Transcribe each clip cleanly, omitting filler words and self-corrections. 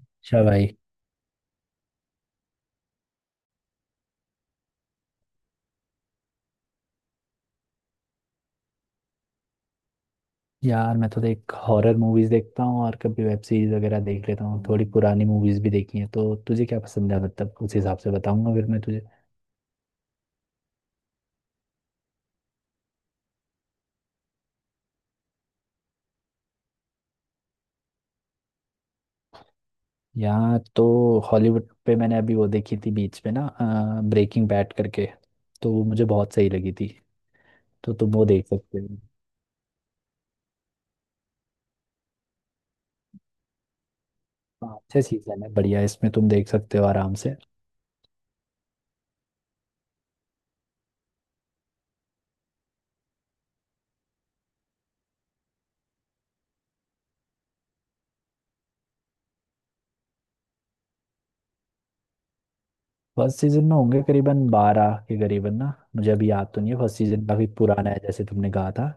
अच्छा भाई। यार मैं तो देख हॉरर मूवीज देखता हूँ और कभी वेब सीरीज वगैरह देख लेता हूँ। थोड़ी पुरानी मूवीज भी देखी हैं। तो तुझे क्या पसंद है, मतलब उस हिसाब से बताऊंगा फिर मैं तुझे। यार तो हॉलीवुड पे मैंने अभी वो देखी थी बीच में ना, ब्रेकिंग बैड करके। तो वो मुझे बहुत सही लगी थी। तो तुम वो देख सकते हो। हाँ, अच्छे सीजन है, बढ़िया है, इसमें तुम देख सकते हो आराम से। फर्स्ट सीजन में होंगे करीबन 12 के करीबन ना, मुझे अभी याद तो नहीं है। फर्स्ट सीजन काफी पुराना है, जैसे तुमने कहा था।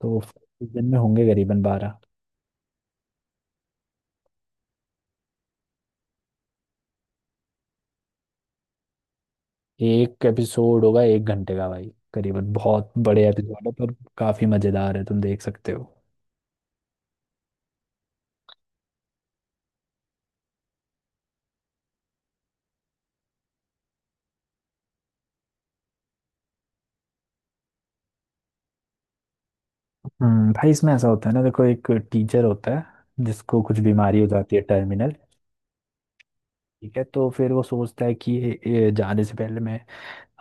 तो फर्स्ट सीजन में होंगे करीबन 12। एक एपिसोड होगा एक घंटे का भाई करीबन, बहुत बड़े एपिसोड है, पर काफी मजेदार है, तुम देख सकते हो। भाई इसमें ऐसा होता है ना, देखो एक टीचर होता है जिसको कुछ बीमारी हो जाती है टर्मिनल। ठीक है, तो फिर वो सोचता है कि ये जाने से पहले मैं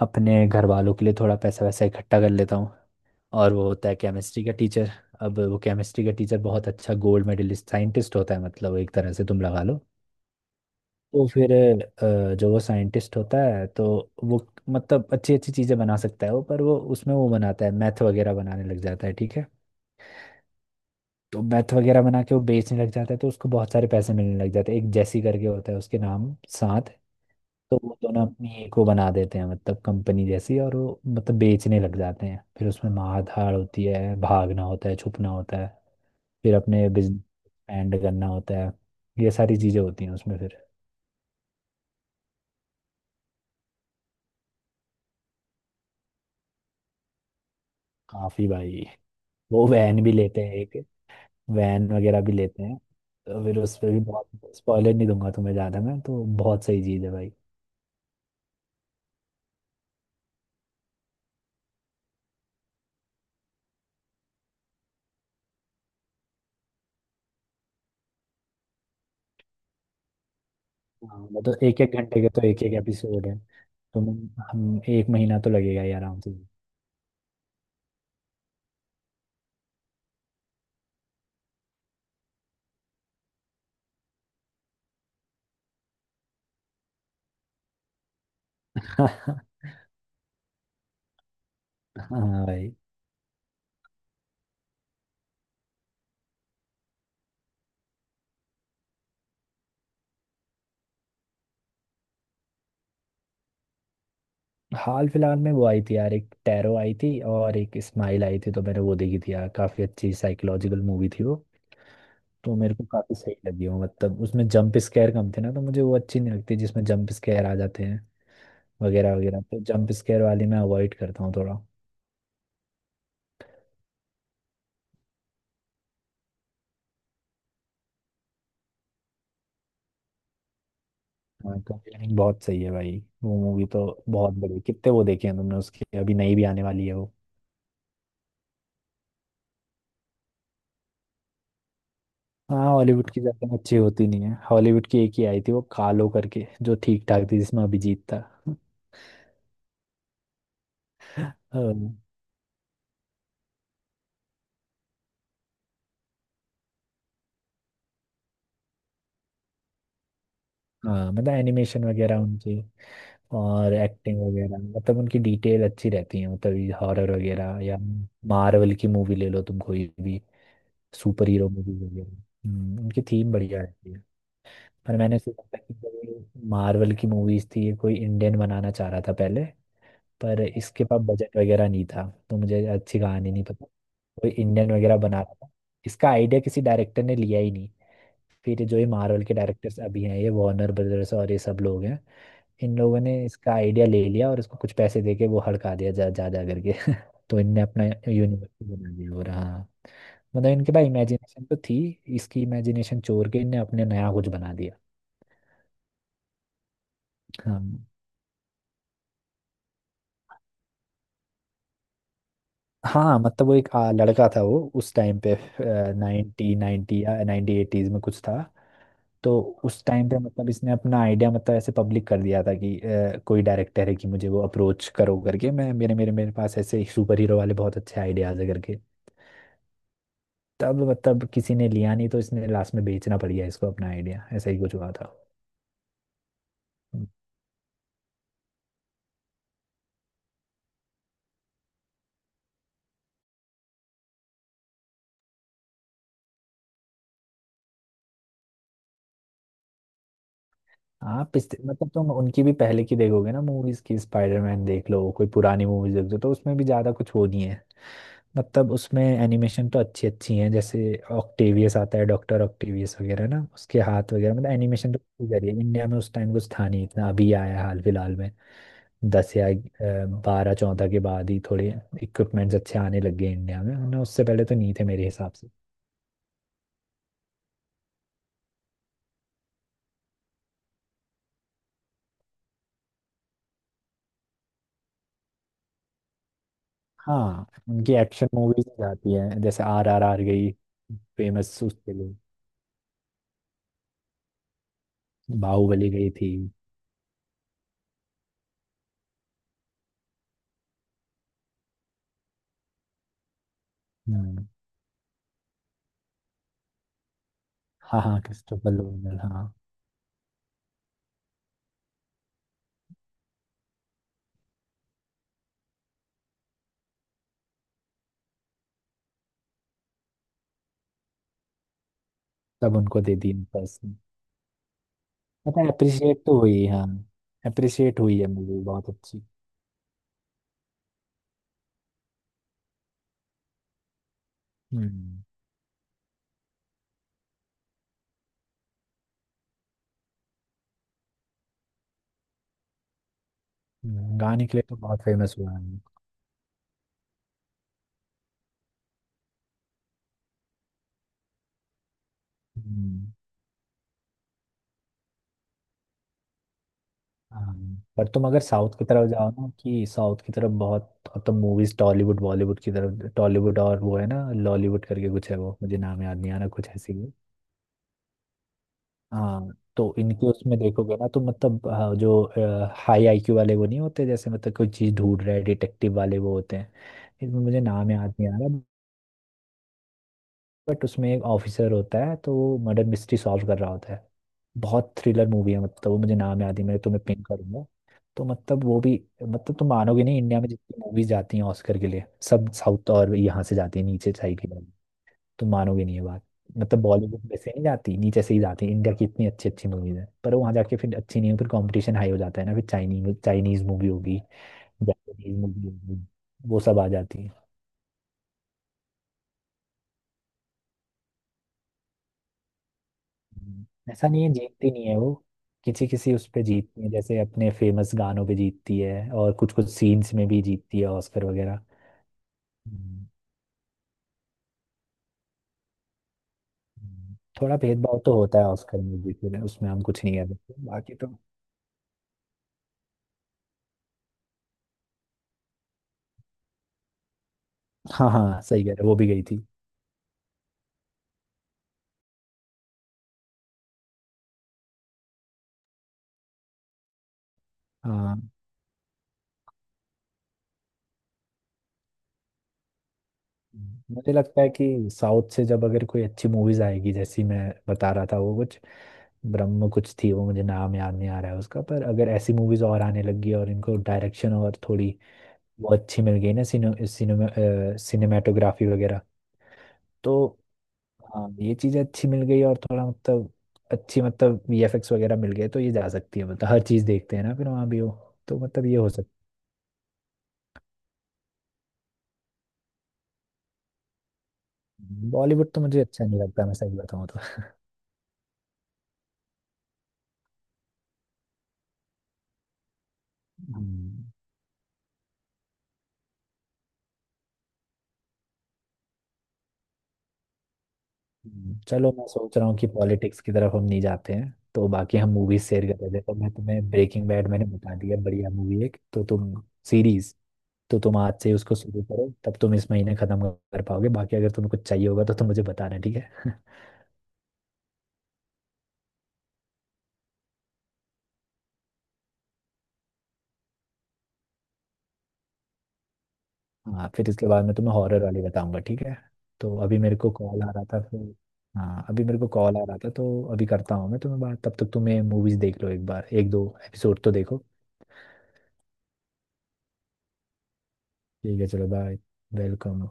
अपने घर वालों के लिए थोड़ा पैसा वैसा इकट्ठा कर लेता हूँ। और वो होता है केमिस्ट्री का टीचर। अब वो केमिस्ट्री का टीचर बहुत अच्छा गोल्ड मेडलिस्ट साइंटिस्ट होता है, मतलब एक तरह से तुम लगा लो। तो फिर जो वो साइंटिस्ट होता है, तो वो मतलब अच्छी अच्छी चीज़ें बना सकता है वो, पर वो उसमें वो बनाता है मैथ वगैरह, बनाने लग जाता है। ठीक है। तो मैथ वगैरह बना के वो बेचने लग जाता है, तो उसको बहुत सारे पैसे मिलने लग जाते हैं। एक जैसी करके होता है उसके नाम साथ। तो वो दोनों अपनी एक वो बना देते हैं, मतलब कंपनी जैसी, और वो मतलब बेचने लग जाते हैं। फिर उसमें मार धाड़ होती है, भागना होता है, छुपना होता है। फिर अपने बिजनेस एक्सपेंड करना होता है। ये सारी चीज़ें होती हैं उसमें फिर। काफ़ी भाई। वो वैन भी लेते हैं एक, वैन वगैरह भी लेते हैं। तो फिर उस पर भी बहुत स्पॉइलर नहीं दूंगा तुम्हें ज़्यादा, मैं तो, बहुत सही चीज़ है भाई। हाँ मतलब एक एक घंटे के तो एक एक एपिसोड है, तो एक महीना तो लगेगा ही आराम से। हाँ भाई। हाल फिलहाल में वो आई थी यार, एक टैरो आई थी और एक स्माइल आई थी, तो मैंने वो देखी थी यार, काफ़ी अच्छी साइकोलॉजिकल मूवी थी वो। तो मेरे को काफ़ी सही लगी वो, मतलब उसमें जंप स्केयर कम थे ना, तो मुझे वो अच्छी नहीं लगती जिसमें जंप स्केयर आ जाते वगैरह वगैरह। तो जंप स्केयर वाली मैं अवॉइड करता हूँ थोड़ा। हाँ कंजरिंग बहुत सही है भाई। वो मूवी तो बहुत बड़ी, कितने वो देखे हैं तुमने उसकी? अभी नई भी आने वाली है वो। हाँ हॉलीवुड की ज्यादा अच्छी होती नहीं है। हॉलीवुड की एक ही आई थी वो कालो करके जो ठीक ठाक थी जिसमें अभिजीत था। हाँ हाँ, मतलब एनिमेशन वगैरह उनकी और एक्टिंग वगैरह, मतलब उनकी डिटेल अच्छी रहती है, मतलब हॉरर वगैरह या मार्वल की मूवी ले लो तुम कोई भी, सुपर हीरो मूवी वगैरह। उनकी थीम बढ़िया रहती है। पर मैंने सोचा था कि कोई मार्वल की मूवीज थी, ये कोई इंडियन बनाना चाह रहा था पहले, पर इसके पास बजट वगैरह नहीं था। तो मुझे अच्छी कहानी नहीं पता, कोई इंडियन वगैरह बना रहा था। इसका आइडिया किसी डायरेक्टर ने लिया ही नहीं। फिर जो ये मार्वल के डायरेक्टर्स अभी हैं, ये वार्नर ब्रदर्स और ये सब लोग हैं, इन लोगों ने इसका आइडिया ले लिया और इसको कुछ पैसे दे के वो हड़का दिया, जा जा जा करके। तो इनने अपना यूनिवर्स बना दिया, और हाँ, मतलब इनके पास इमेजिनेशन तो थी। इसकी इमेजिनेशन चोर के इनने अपने नया कुछ बना दिया। हाँ। हाँ मतलब वो एक लड़का था, वो उस टाइम पे नाइनटी नाइनटी या नाइनटी एटीज में कुछ था। तो उस टाइम पे, मतलब इसने अपना आइडिया मतलब ऐसे पब्लिक कर दिया था कि कोई डायरेक्टर है कि मुझे वो अप्रोच करो करके, मैं मेरे मेरे मेरे पास ऐसे सुपर हीरो वाले बहुत अच्छे आइडियाज है करके। तब मतलब किसी ने लिया नहीं, तो इसने लास्ट में बेचना पड़ गया इसको अपना आइडिया, ऐसा ही कुछ हुआ था। हम्म। हाँ पिछले, मतलब तुम उनकी भी पहले की देखोगे ना मूवीज की, स्पाइडरमैन देख लो, कोई पुरानी मूवीज देख लो, तो उसमें भी ज्यादा कुछ वो नहीं है। मतलब उसमें एनिमेशन तो अच्छी अच्छी हैं, जैसे ऑक्टेवियस आता है डॉक्टर ऑक्टेवियस वगैरह ना, उसके हाथ वगैरह, मतलब एनिमेशन तो जरिए इंडिया में उस टाइम कुछ था नहीं इतना, अभी आया है हाल फिलहाल में। 10 या 12 14 के बाद ही थोड़े इक्विपमेंट्स अच्छे आने लग गए इंडिया में, वरना उससे पहले तो नहीं थे मेरे हिसाब से। हाँ उनकी एक्शन मूवीज जाती है, जैसे RRR गई, फेमस उसके लिए। बाहुबली गई थी। हम्म। हाँ हाँ, क्रिस्टोफर नोलन, हाँ। तब उनको दे दी पर्सन। पता है अप्रिशिएट तो हुई हाँ। अप्रिशिएट हुई है मूवी, बहुत अच्छी। हम्म, गाने के लिए तो बहुत फेमस हुआ है। हम्म, हाँ। पर तुम अगर साउथ की तरफ जाओ ना, कि साउथ की तरफ बहुत अब तो मूवीज टॉलीवुड बॉलीवुड की तरफ टॉलीवुड, और वो है ना लॉलीवुड करके कुछ है, वो मुझे नाम याद नहीं आ रहा, कुछ ऐसी। हाँ तो इनके उसमें देखोगे ना, तो मतलब जो हाई IQ वाले वो नहीं होते, जैसे मतलब कोई चीज ढूंढ रहे डिटेक्टिव वाले वो होते हैं। इसमें मुझे नाम याद नहीं आ रहा। बट उसमें एक ऑफिसर होता है, तो वो मर्डर मिस्ट्री सॉल्व कर रहा होता है। बहुत थ्रिलर मूवी है, मतलब वो मुझे नाम याद नहीं, मैं तुम्हें पिन करूंगा। तो मतलब वो भी, मतलब तुम मानोगे नहीं, इंडिया में जितनी मूवीज जाती हैं ऑस्कर के लिए सब साउथ और यहाँ से जाती है, नीचे साइड की। तुम मानोगे नहीं ये बात, मतलब बॉलीवुड में से नहीं जाती, नीचे से ही जाती, इंडिया की इतनी अच्छी अच्छी मूवीज है, पर वहाँ जाके फिर अच्छी नहीं हो, फिर कंपटीशन हाई हो जाता है ना, फिर चाइनीज चाइनीज मूवी होगी, जापानीज मूवी होगी, वो सब आ जाती है। हम्म। ऐसा नहीं है, जीतती नहीं है वो, किसी किसी उस पे जीतती है, जैसे अपने फेमस गानों पे जीतती है और कुछ कुछ सीन्स में भी जीतती है ऑस्कर वगैरह। हम्म, हम्म। थोड़ा भेदभाव तो होता है ऑस्कर में भी, फिर उसमें हम कुछ नहीं कह सकते, बाकी तो। हाँ हाँ सही कह रहे हो, वो भी गई थी। हाँ मुझे लगता है कि साउथ से जब अगर कोई अच्छी मूवीज आएगी, जैसी मैं बता रहा था वो कुछ ब्रह्म कुछ थी, वो मुझे नाम याद नहीं आ रहा है उसका, पर अगर ऐसी मूवीज और आने लगी और इनको डायरेक्शन और थोड़ी वो अच्छी मिल गई ना, सिनो, सिनेमा सिनेमेटोग्राफी वगैरह। तो हाँ ये चीज़ें अच्छी मिल गई और थोड़ा मतलब अच्छी मतलब VFX वगैरह मिल गए तो ये जा सकती है, मतलब हर चीज़ देखते हैं ना, फिर वहाँ भी हो। तो मतलब ये हो सकता है। बॉलीवुड तो मुझे अच्छा नहीं लगता, मैं सही बताऊँ तो। हम्म। चलो मैं सोच रहा हूँ कि पॉलिटिक्स की तरफ हम नहीं जाते हैं, तो बाकी हम मूवी शेयर कर रहे थे, तो मैं तुम्हें ब्रेकिंग बैड मैंने बता दिया, बढ़िया मूवी एक, तो तुम सीरीज, तो तुम आज से उसको शुरू करो, तब तुम इस महीने खत्म कर पाओगे, बाकी अगर तुम्हें कुछ चाहिए होगा तो तुम मुझे बताना, ठीक है। हाँ फिर इसके बाद मैं तुम्हें हॉरर वाली बताऊंगा, ठीक है। तो अभी मेरे को कॉल आ रहा था फिर। हाँ अभी मेरे को कॉल आ रहा था, तो अभी करता हूँ मैं तुम्हें बात, तब तक तुम्हें मूवीज देख लो एक बार, एक दो एपिसोड तो देखो। ठीक है, चलो बाय। वेलकम।